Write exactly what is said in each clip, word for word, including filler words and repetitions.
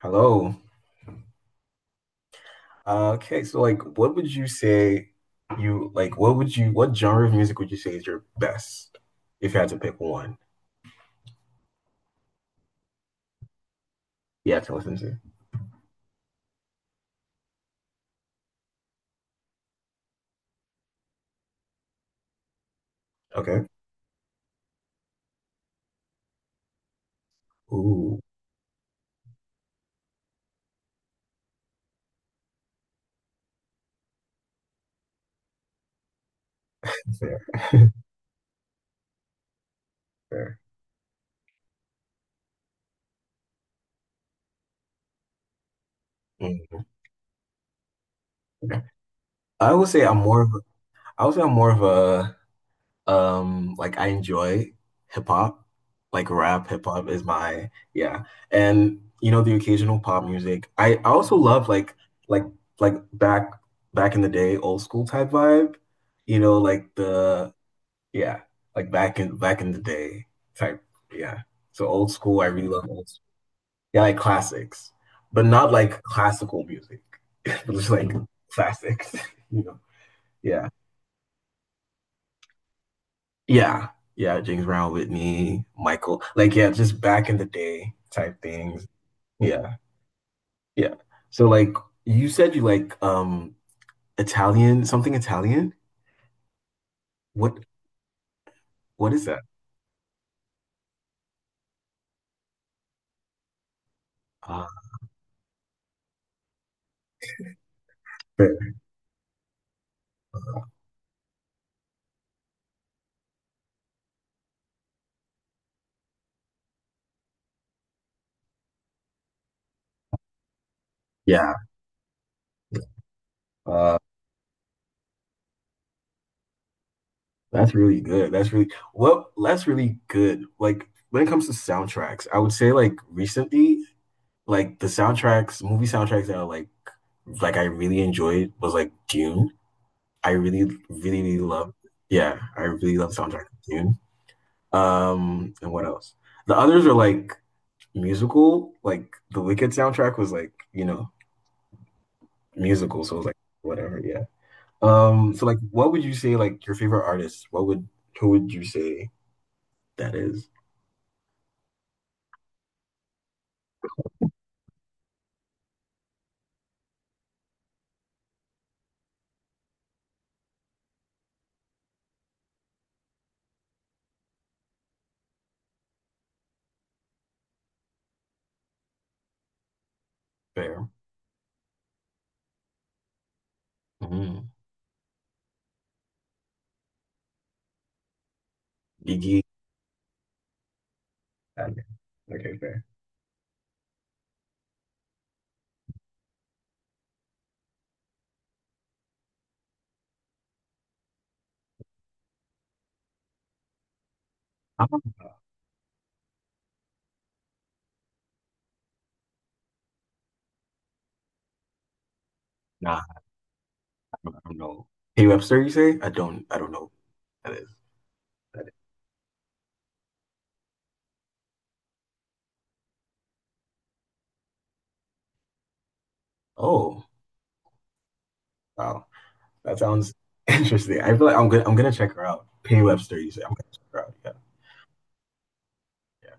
Hello. Uh, okay, so like what would you say you like what would you what genre of music would you say is your best if you had to pick one you had to listen to? Okay. Ooh, fair. Fair. Mm. I would say I'm more of a, I would say I'm more of a Um, like I enjoy hip hop, like rap, hip hop is my yeah, And you know, the occasional pop music. I, I also love like like like back back in the day, old school type vibe. You know, like the yeah, like back in back in the day type yeah. So old school, I really love old school. Yeah, like classics, but not like classical music, but just like classics. You know, yeah. Yeah. Yeah, James Brown, Whitney, Michael. Like, yeah, just back in the day type things. Yeah. Yeah. So like you said you like um Italian, something Italian? What what is that? Uh, fair. Yeah. Uh, that's really good. That's really well, that's really good. Like when it comes to soundtracks, I would say like recently, like the soundtracks, movie soundtracks that are like like I really enjoyed was like Dune. I really, really, really love yeah, I really love soundtrack of Dune. Um, and what else? The others are like musical. Like the Wicked soundtrack was like, you know, musical, so it was like whatever, yeah. Um, so like what would you say like your favorite artist? What would who would you say that is? Fair. Mm-hmm. Gigi. Okay, Okay, Fair. I don't, nah, I don't, I don't know. Hey Webster, you say? I don't I don't know who that is. That is. Oh, wow. That sounds interesting. I feel like I'm gonna I'm gonna check her out. Pay Webster, you say I'm gonna check her out. Yeah. Yeah.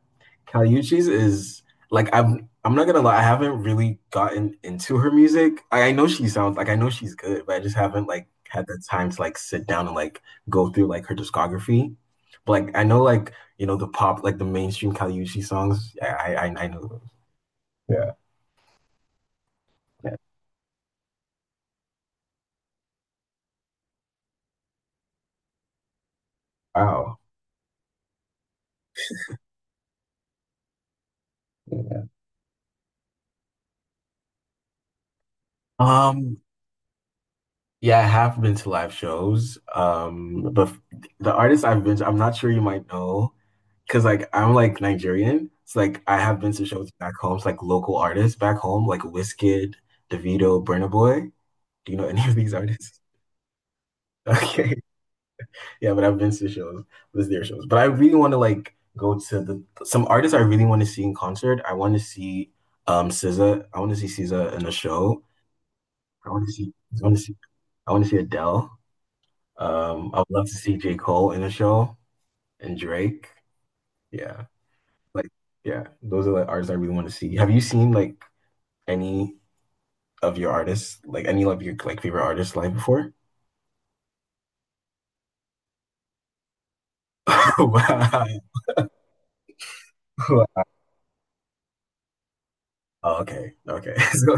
Caliucci's is like I'm I'm not gonna lie, I haven't really gotten into her music. I, I know she sounds like I know she's good, but I just haven't like had the time to like sit down and like go through like her discography. But like I know like you know the pop like the mainstream Caliucci songs. I I I I know those. Yeah. Yeah. Wow. Um, yeah, I have been to live shows. Um, but f- the artists I've been to, I'm not sure you might know, because like I'm like Nigerian. It's like I have been to shows back home. It's like local artists back home, like Wizkid, Davido, Burna Boy. Do you know any of these artists? Okay. Yeah, but I've been to shows, was their shows. But I really want to like go to the some artists I really want to see in concert. I want to see um SZA. I want to see SZA in a show. I want to see I want to see I want to see Adele. Um, I would love to see J. Cole in a show and Drake. Yeah. Like, yeah, those are like artists I really want to see. Have you seen like any of your artists, like any of your like favorite artists live before? Wow. Wow. Oh, okay. Okay. So,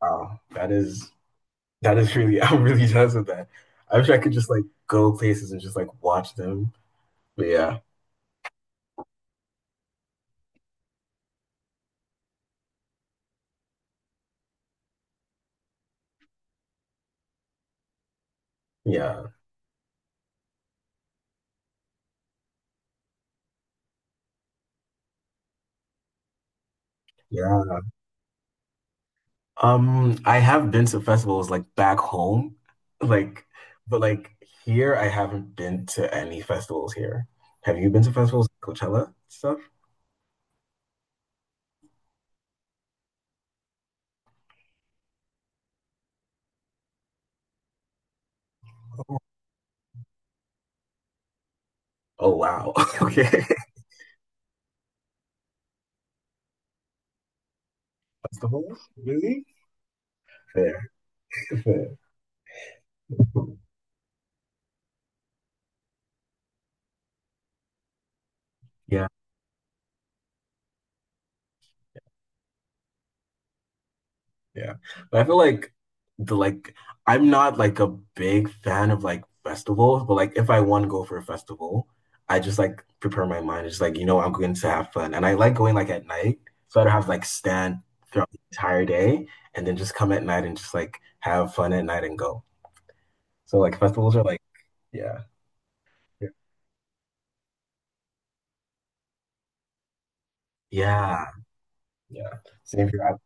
wow. That is that is really I'm really jazzed with that. I wish I could just like go places and just like watch them. But yeah, yeah, yeah. Um, I have been to festivals like back home, like, but like here, I haven't been to any festivals here. Have you been to festivals, like Coachella stuff? Oh wow. Okay. Festivals? Really? Fair, fair. Yeah. Yeah. But I feel like the like I'm not like a big fan of like festivals, but like if I want to go for a festival, I just like prepare my mind. It's like, you know, I'm going to have fun. And I like going like at night. So I don't have to like stand throughout the entire day and then just come at night and just like have fun at night and go. So like festivals are like, yeah. Yeah. Yeah. Same here. I've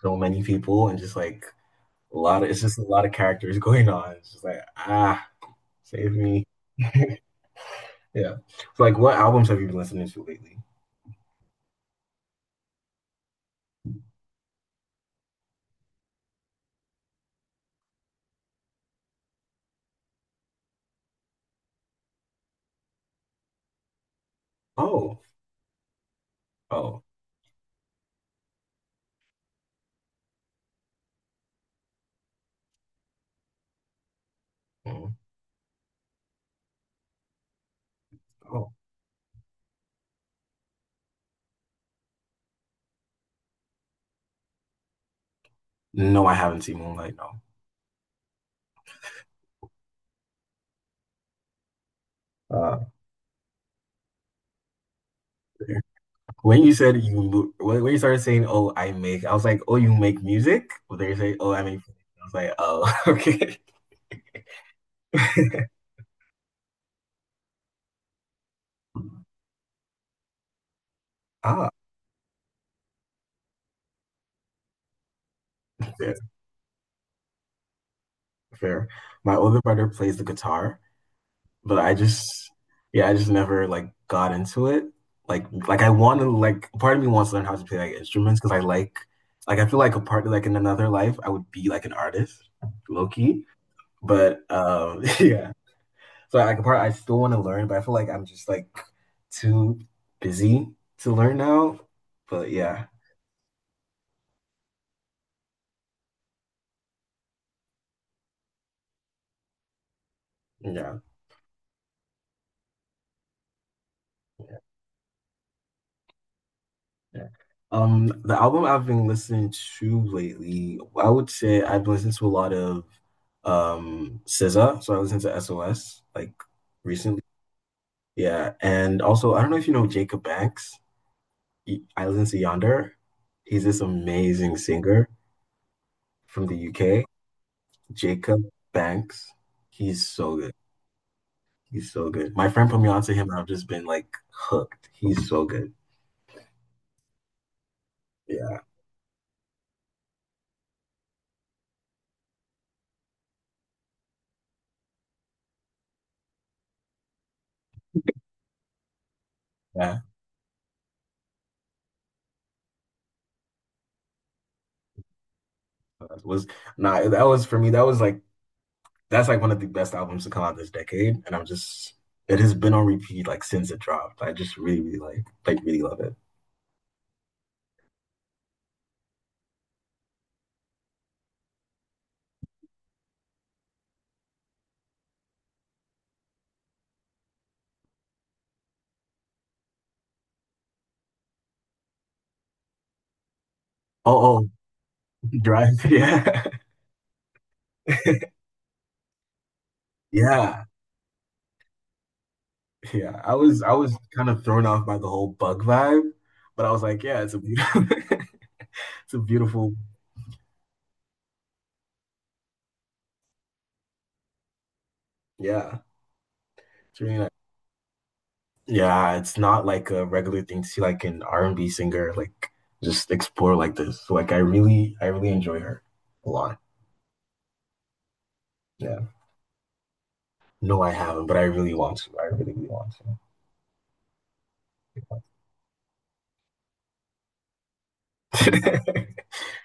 so many people and just like a lot of it's just a lot of characters going on. It's just like, ah, save me. Yeah. So, like, what albums have you been listening to lately? Oh, oh, mm, oh. No, I haven't seen Moonlight. No. Uh, when you said you, mo- when, when you started saying, "Oh, I make," I was like, "Oh, you make music?" But then you say, "Oh, I make," I was like, "Oh, okay." Ah, yeah, fair. My older brother plays the guitar, but I just yeah, I just never like got into it. Like like I want to like part of me wants to learn how to play like instruments because I like like I feel like a part like in another life I would be like an artist, low key. But um yeah. So like a part I still want to learn, but I feel like I'm just like too busy to learn now. But yeah. Yeah. Yeah. Um, the album I've been listening to lately, I would say I've been listening to a lot of um SZA, so I listened to S O S like recently. Yeah, and also I don't know if you know Jacob Banks. He- I listen to Yonder. He's this amazing singer from the U K. Jacob Banks. He's so good. He's so good. My friend put me onto him, and I've just been like hooked. He's so good. Yeah, yeah. That was nah. That was for me. That was like that's like one of the best albums to come out this decade, and I'm just it has been on repeat like since it dropped. I just really, really like like really love it. Oh, oh, Drive, yeah, yeah, yeah. I was I was kind of thrown off by the whole bug vibe, but I was like, yeah, it's a beautiful, it's a beautiful, yeah, it's really nice. Yeah, it's not like a regular thing to see like an R and B singer like just explore like this. So, like I really, I really enjoy her a lot. Yeah, no, I haven't, but I really want to. I really, really want to.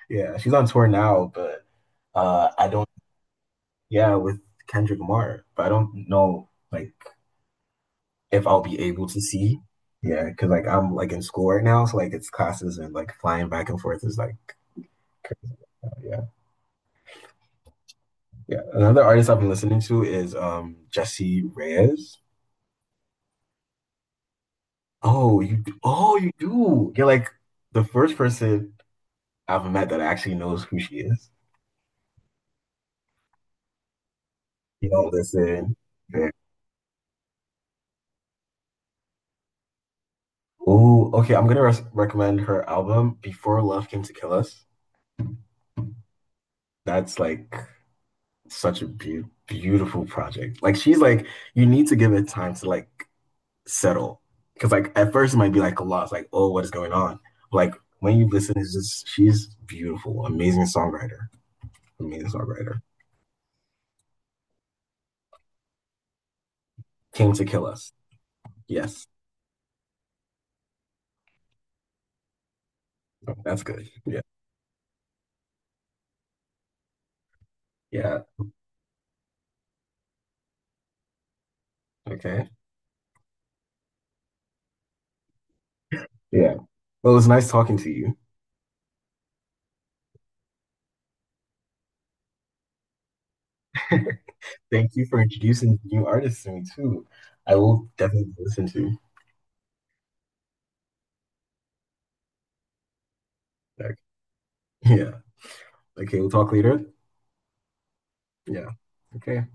Yeah, she's on tour now, but uh I don't yeah, with Kendrick Lamar, but I don't know like if I'll be able to see. Yeah, because like I'm like in school right now, so like it's classes and like flying back and forth is like crazy. Yeah, yeah. Another artist I've been listening to is um Jesse Reyes. Oh, you d- oh you do. You're like the first person I've met that actually knows who she is. You don't listen. Yeah. Oh, okay. I'm gonna res recommend her album Before Love Came to Kill Us. That's like such a be beautiful project. Like she's like, you need to give it time to like settle, because like at first it might be like a loss. Like oh, what is going on? Like when you listen, it's just she's beautiful, amazing songwriter, amazing songwriter. Came to Kill Us. Yes, that's good. Yeah, yeah. Okay, yeah. Well, it's nice talking to you. Thank you for introducing new artists to me too. I will definitely listen to. Like, yeah. Okay, we'll talk later. Yeah. Okay.